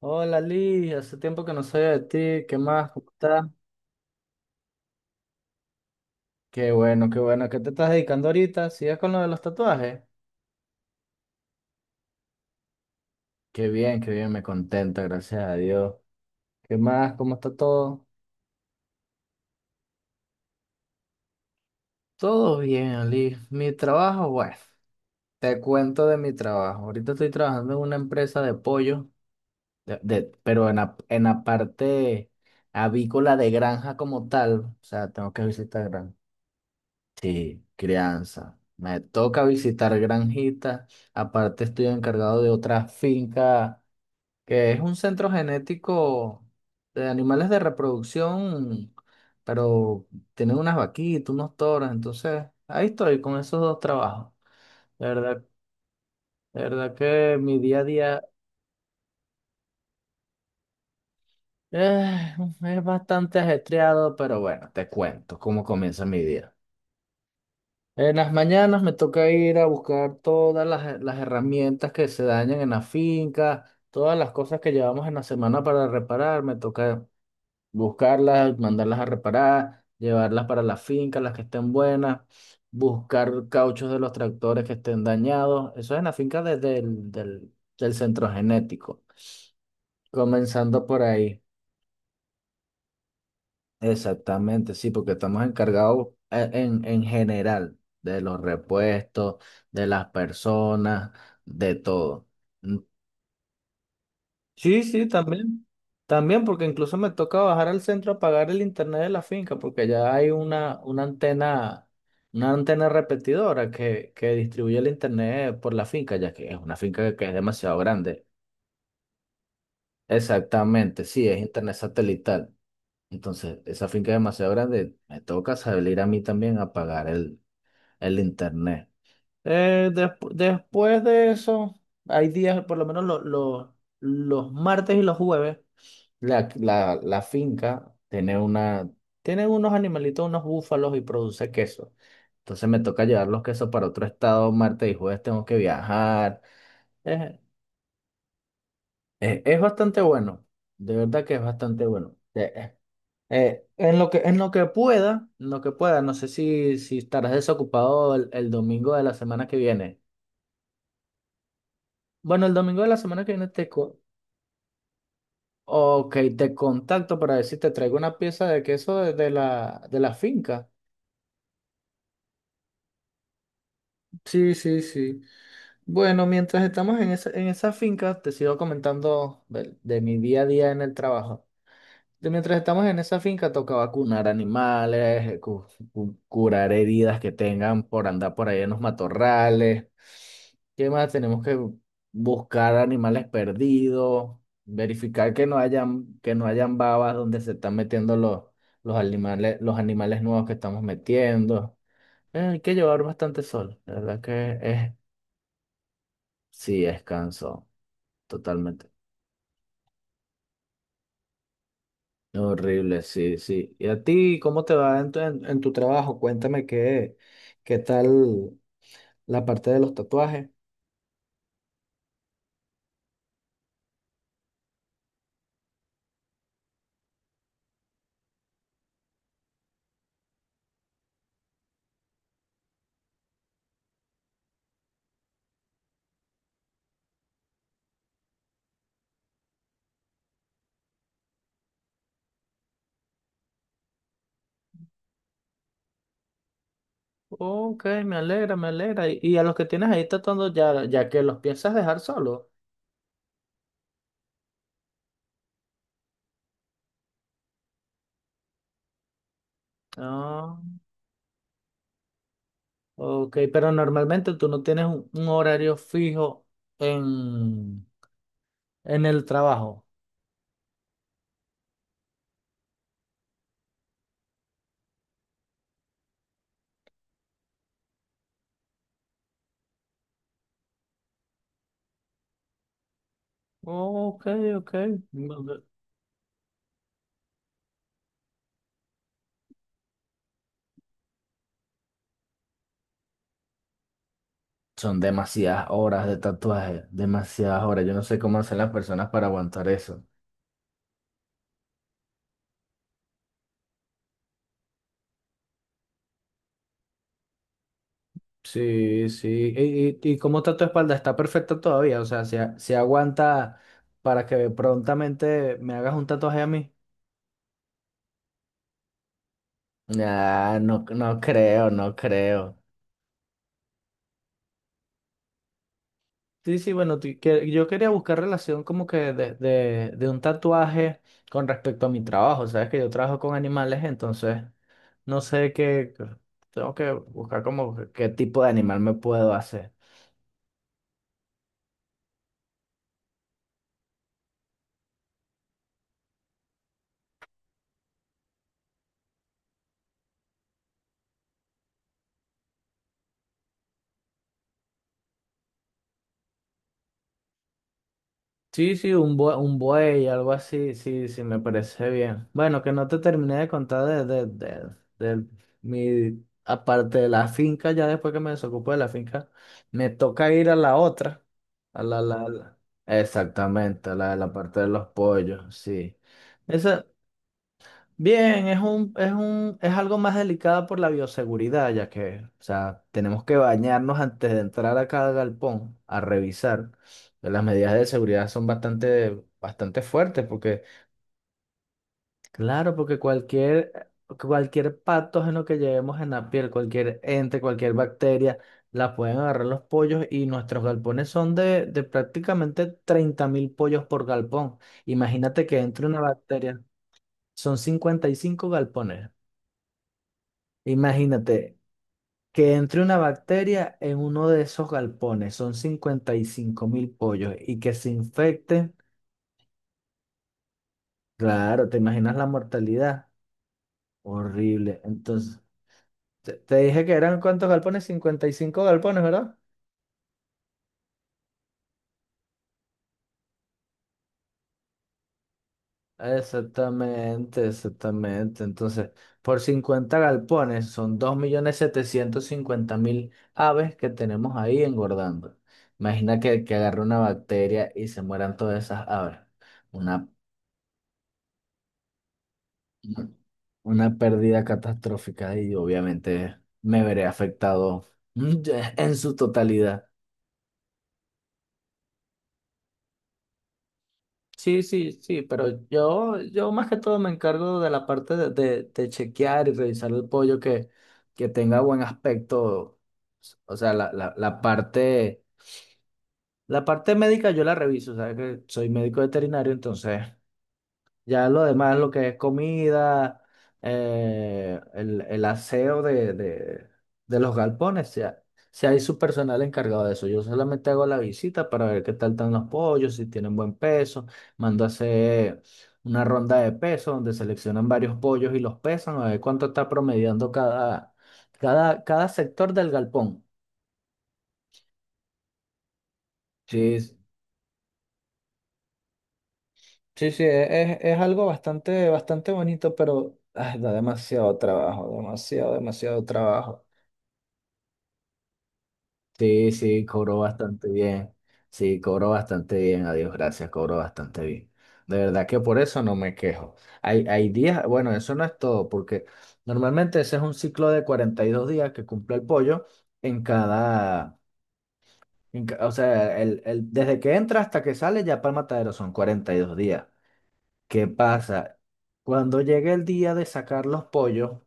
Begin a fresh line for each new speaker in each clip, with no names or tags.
Hola Liz, hace tiempo que no soy de ti, ¿qué más? ¿Cómo estás? Qué bueno, qué bueno, ¿qué te estás dedicando ahorita? ¿Sigues con lo de los tatuajes? Qué bien, me contenta, gracias a Dios. ¿Qué más? ¿Cómo está todo? Todo bien, Liz. Mi trabajo, bueno, te cuento de mi trabajo. Ahorita estoy trabajando en una empresa de pollo, pero en la parte avícola de granja como tal, o sea, tengo que visitar granja. Sí, crianza. Me toca visitar granjitas. Aparte estoy encargado de otra finca que es un centro genético de animales de reproducción, pero tienen unas vaquitas, unos toros. Entonces, ahí estoy con esos dos trabajos. De verdad, de verdad que mi día a día eh, es bastante ajetreado, pero bueno, te cuento cómo comienza mi día. En las mañanas me toca ir a buscar todas las herramientas que se dañan en la finca, todas las cosas que llevamos en la semana para reparar, me toca buscarlas, mandarlas a reparar, llevarlas para la finca, las que estén buenas, buscar cauchos de los tractores que estén dañados. Eso es en la finca desde del centro genético, comenzando por ahí. Exactamente, sí, porque estamos encargados en general de los repuestos, de las personas, de todo. Mm. Sí, sí, también. También porque incluso me toca bajar al centro a pagar el internet de la finca porque ya hay una antena repetidora que distribuye el internet por la finca, ya que es una finca que es demasiado grande. Exactamente, sí, es internet satelital. Entonces, esa finca es demasiado grande, me toca salir a mí también a pagar el internet. Después de eso, hay días, por lo menos los martes y los jueves, la finca tiene unos animalitos, unos búfalos y produce queso. Entonces me toca llevar los quesos para otro estado, martes y jueves tengo que viajar. Es, es bastante bueno, de verdad que es bastante bueno. En lo que pueda, en lo que pueda, no sé si estarás desocupado el domingo de la semana que viene. Bueno, el domingo de la semana que viene ok, te contacto para ver si te traigo una pieza de queso de la finca. Sí, sí, sí. Bueno, mientras estamos en esa finca, te sigo comentando de mi día a día en el trabajo. De mientras estamos en esa finca, toca vacunar animales, curar heridas que tengan por andar por ahí en los matorrales. ¿Qué más? Tenemos que buscar animales perdidos, verificar que no hayan babas donde se están metiendo los animales nuevos que estamos metiendo. Hay que llevar bastante sol, la verdad que es, sí, es cansón, totalmente. Horrible, sí, sí. ¿Y a ti cómo te va en tu trabajo? Cuéntame qué tal la parte de los tatuajes. Ok, me alegra, me alegra. Y a los que tienes ahí tatuando, ya que los piensas dejar solos. Ah, ok, pero normalmente tú no tienes un horario fijo en, en el trabajo. Ok, ok. Son demasiadas horas de tatuaje, demasiadas horas. Yo no sé cómo hacen las personas para aguantar eso. Sí, sí. Y cómo está tu espalda? ¿Está perfecta todavía? O sea, ¿Se aguanta para que prontamente me hagas un tatuaje a mí? Ah, no, no creo, no creo. Sí, sí, bueno, yo quería buscar relación como que de un tatuaje con respecto a mi trabajo, sabes que yo trabajo con animales, entonces no sé tengo que buscar qué tipo de animal me puedo hacer. Sí, sí, un buey, algo así, sí, sí, me parece bien. Bueno, que no te terminé de contar de mi, aparte de la finca, ya después que me desocupo de la finca, me toca ir a la otra, a la, la, la- exactamente, a la de la parte de los pollos, sí. Esa. Bien, es algo más delicado por la bioseguridad, ya que, o sea, tenemos que bañarnos antes de entrar a cada galpón a revisar. Las medidas de seguridad son bastante, bastante fuertes, porque, claro, porque cualquier patógeno que llevemos en la piel, cualquier ente, cualquier bacteria, la pueden agarrar los pollos y nuestros galpones son de prácticamente 30.000 pollos por galpón. Imagínate que entre una bacteria, son 55 galpones. Imagínate que entre una bacteria en uno de esos galpones, son 55.000 pollos, y que se infecten, claro, ¿te imaginas la mortalidad? Horrible. Entonces, te dije que eran cuántos galpones, 55 galpones, ¿verdad? Exactamente, exactamente. Entonces, por 50 galpones son 2.750.000 aves que tenemos ahí engordando. Imagina que agarre una bacteria y se mueran todas esas aves. Una Una pérdida catastrófica y obviamente me veré afectado ya, en su totalidad. Sí, sí, sí, pero yo más que todo me encargo de la parte de chequear y revisar el pollo que tenga buen aspecto. O sea, la parte médica yo la reviso, o sea que soy médico veterinario, entonces ya lo demás, lo que es comida, el aseo de los galpones, si hay su personal encargado de eso. Yo solamente hago la visita para ver qué tal están los pollos, si tienen buen peso. Mando a hacer una ronda de peso donde seleccionan varios pollos y los pesan, a ver cuánto está promediando cada sector del galpón. Sí, sí, sí, algo bastante, bastante bonito, pero ay, da demasiado trabajo, demasiado, demasiado trabajo. Sí, sí, cobró bastante bien. Sí, cobró bastante bien, a Dios gracias, cobró bastante bien. De verdad que por eso no me quejo. Hay días, bueno, eso no es todo, porque normalmente ese es un ciclo de 42 días que cumple el pollo en cada, en ca- o sea, desde que entra hasta que sale ya para el matadero son 42 días. ¿Qué pasa? Cuando llegue el día de sacar los pollos,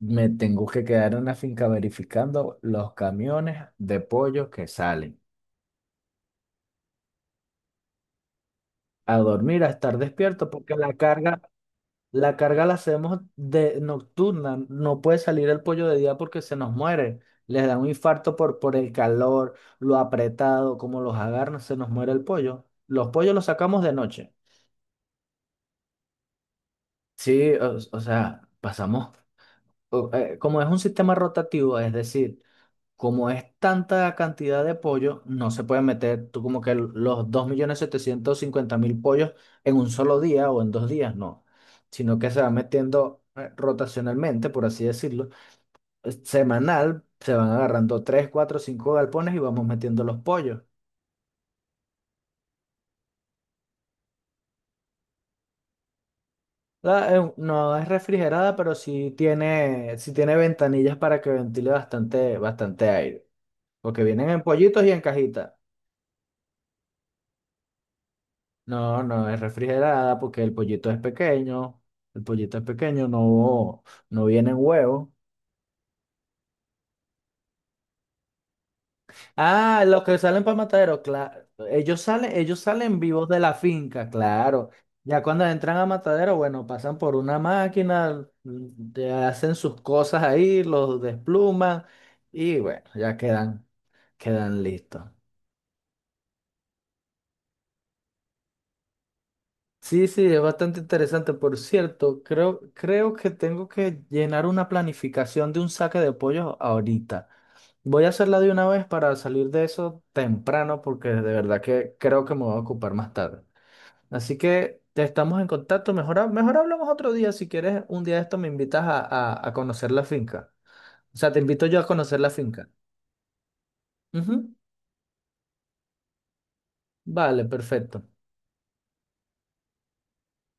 me tengo que quedar en la finca verificando los camiones de pollos que salen. A dormir, a estar despierto, porque la carga la hacemos de nocturna, no puede salir el pollo de día porque se nos muere, les da un infarto por el calor, lo apretado, como los agarran, se nos muere el pollo. Los pollos los sacamos de noche. Sí, o sea, pasamos, como es un sistema rotativo, es decir, como es tanta cantidad de pollo, no se pueden meter tú como que los 2.750.000 pollos en un solo día o en dos días, no, sino que se van metiendo rotacionalmente, por así decirlo, semanal, se van agarrando 3, 4, 5 galpones y vamos metiendo los pollos. No es refrigerada, pero sí tiene ventanillas para que ventile bastante, bastante aire, porque vienen en pollitos y en cajitas. No, no es refrigerada porque el pollito es pequeño. El pollito es pequeño, no, no vienen huevos. Ah, los que salen para matadero, claro. Ellos salen vivos de la finca, claro. Ya cuando entran a matadero, bueno, pasan por una máquina, te hacen sus cosas ahí, los despluman y bueno, ya quedan listos. Sí, sí, es bastante interesante. Por cierto, creo que tengo que llenar una planificación de un saque de pollo ahorita. Voy a hacerla de una vez para salir de eso temprano porque de verdad que creo que me voy a ocupar más tarde. Así que te estamos en contacto. Mejor, mejor hablamos otro día. Si quieres, un día de esto me invitas a conocer la finca. O sea, te invito yo a conocer la finca. Ujú. Vale, perfecto.